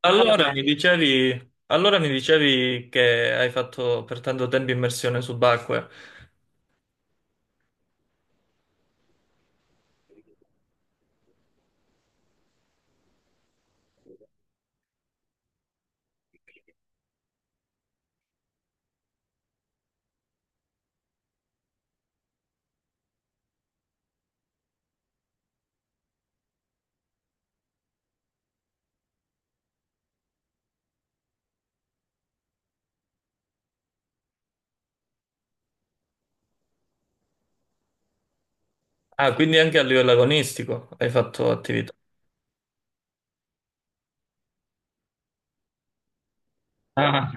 Allora, mi dicevi, che hai fatto per tanto tempo immersione subacquea. Ah, quindi anche a livello agonistico hai fatto attività. Ah,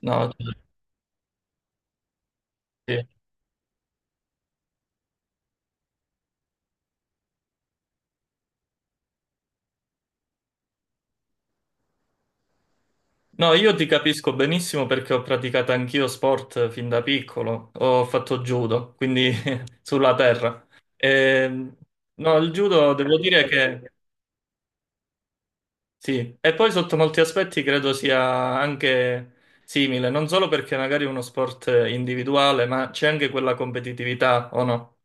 no, sì. No, io ti capisco benissimo perché ho praticato anch'io sport fin da piccolo. Ho fatto judo, quindi sulla terra. Ehm, no, il judo devo dire che sì, e poi sotto molti aspetti credo sia anche simile, non solo perché magari è uno sport individuale, ma c'è anche quella competitività, o no?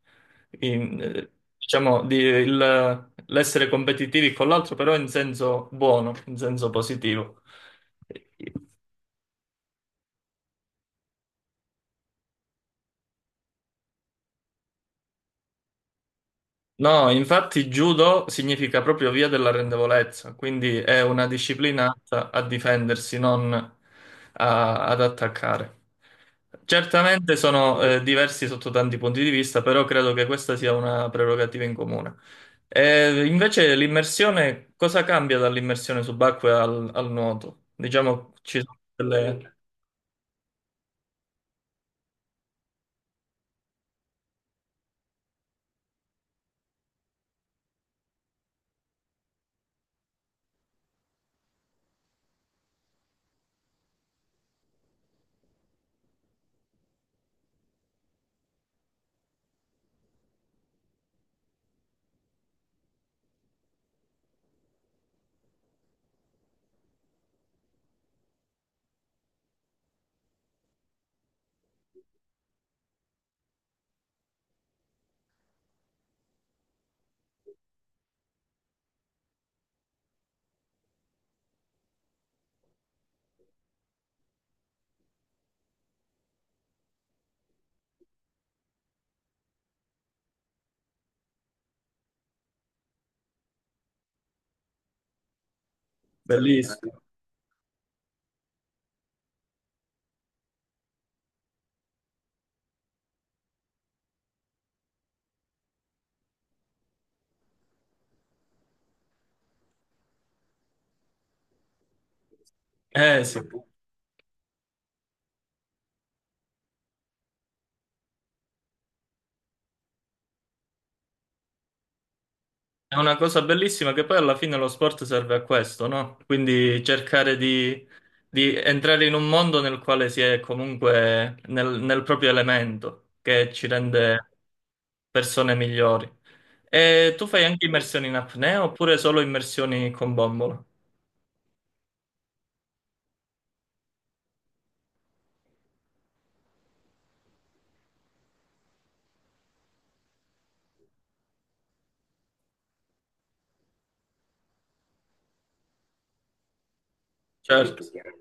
In- eh, diciamo, l'essere competitivi con l'altro, però in senso buono, in senso positivo. No, infatti judo significa proprio via della rendevolezza, quindi è una disciplina atta a difendersi, non ad attaccare. Certamente sono diversi sotto tanti punti di vista, però credo che questa sia una prerogativa in comune. E invece l'immersione, cosa cambia dall'immersione subacquea al, al nuoto? Diciamo ci sono delle bellissime. Eh sì. È una cosa bellissima che poi alla fine lo sport serve a questo, no? Quindi cercare di entrare in un mondo nel quale si è comunque nel, nel proprio elemento, che ci rende persone migliori. E tu fai anche immersioni in apnea oppure solo immersioni con bombola? Tutto. Certo. Tutto.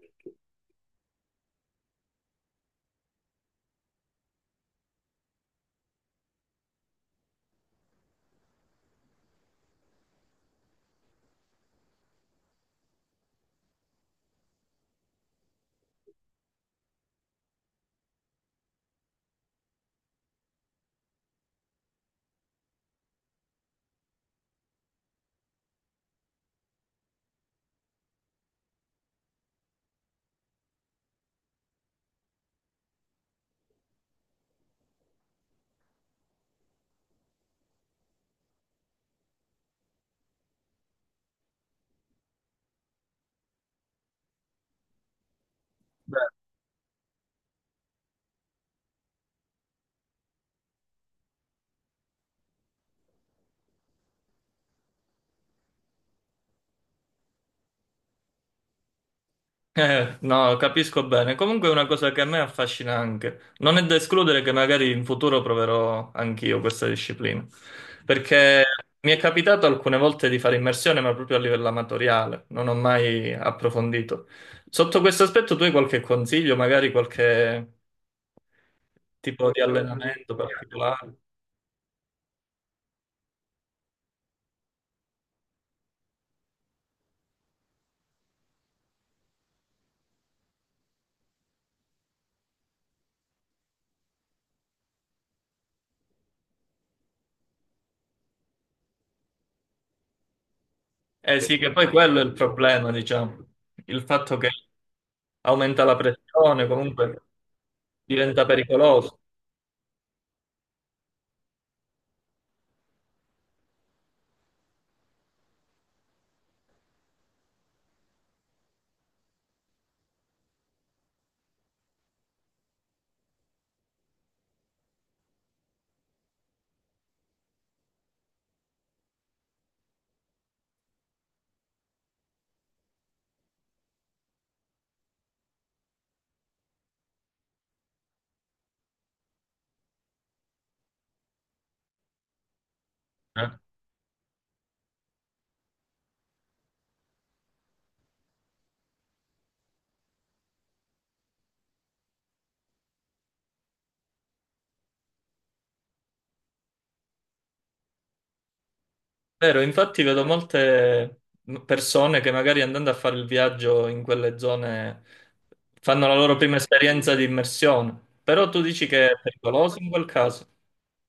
No, capisco bene. Comunque è una cosa che a me affascina anche. Non è da escludere che magari in futuro proverò anch'io questa disciplina. Perché mi è capitato alcune volte di fare immersione, ma proprio a livello amatoriale. Non ho mai approfondito. Sotto questo aspetto, tu hai qualche consiglio, magari qualche tipo di allenamento particolare? Eh sì, che poi quello è il problema, diciamo. Il fatto che aumenta la pressione, comunque diventa pericoloso. Eh. Vero, infatti vedo molte persone che magari andando a fare il viaggio in quelle zone fanno la loro prima esperienza di immersione, però tu dici che è pericoloso in quel caso,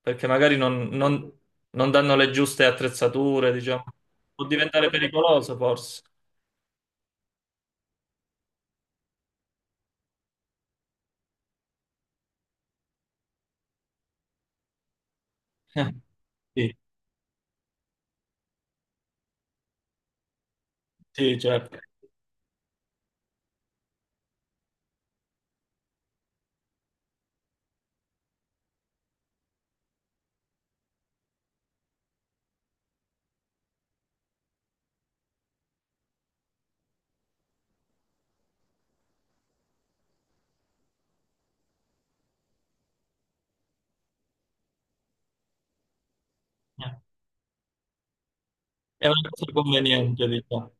perché magari, non danno le giuste attrezzature, diciamo, può diventare pericoloso forse. Eh, Sì, sì, certo. Eh, è una cosa conveniente, diciamo.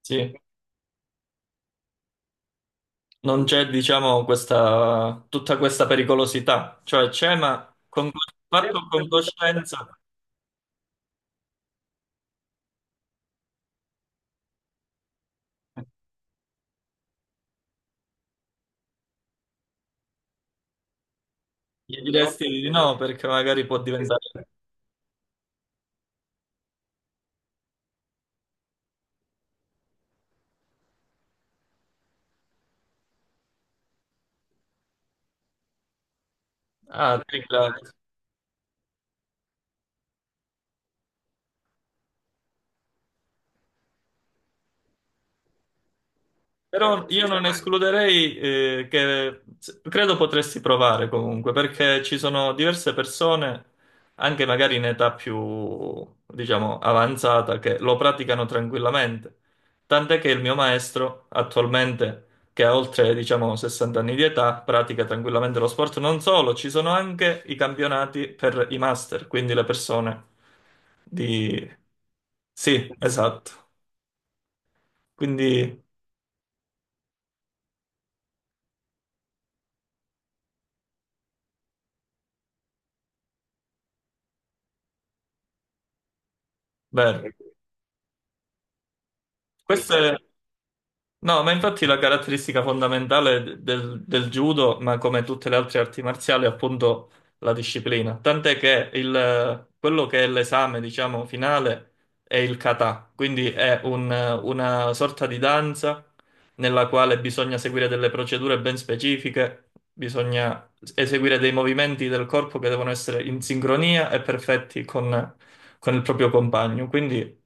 Sì. Non c'è, diciamo, questa, tutta questa pericolosità, cioè c'è, ma con, fatto con coscienza. Gli diresti di no perché magari può diventare... Ah, tripla. Però io non escluderei, che credo potresti provare comunque, perché ci sono diverse persone, anche magari in età più, diciamo, avanzata, che lo praticano tranquillamente. Tant'è che il mio maestro, attualmente, che ha oltre, diciamo, 60 anni di età, pratica tranquillamente lo sport. Non solo, ci sono anche i campionati per i master, quindi le persone di... Sì, esatto. Quindi, bene. Questo è... No, ma infatti la caratteristica fondamentale del, del judo, ma come tutte le altre arti marziali, è appunto la disciplina. Tant'è che quello che è l'esame, diciamo, finale è il kata, quindi è un- una sorta di danza nella quale bisogna seguire delle procedure ben specifiche, bisogna eseguire dei movimenti del corpo che devono essere in sincronia e perfetti con il proprio compagno. Quindi,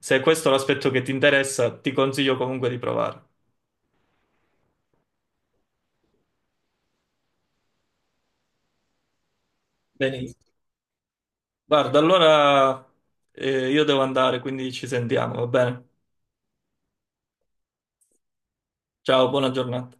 se questo è l'aspetto che ti interessa, ti consiglio comunque di provare. Benissimo. Guarda, allora io devo andare, quindi ci sentiamo, va bene? Ciao, buona giornata.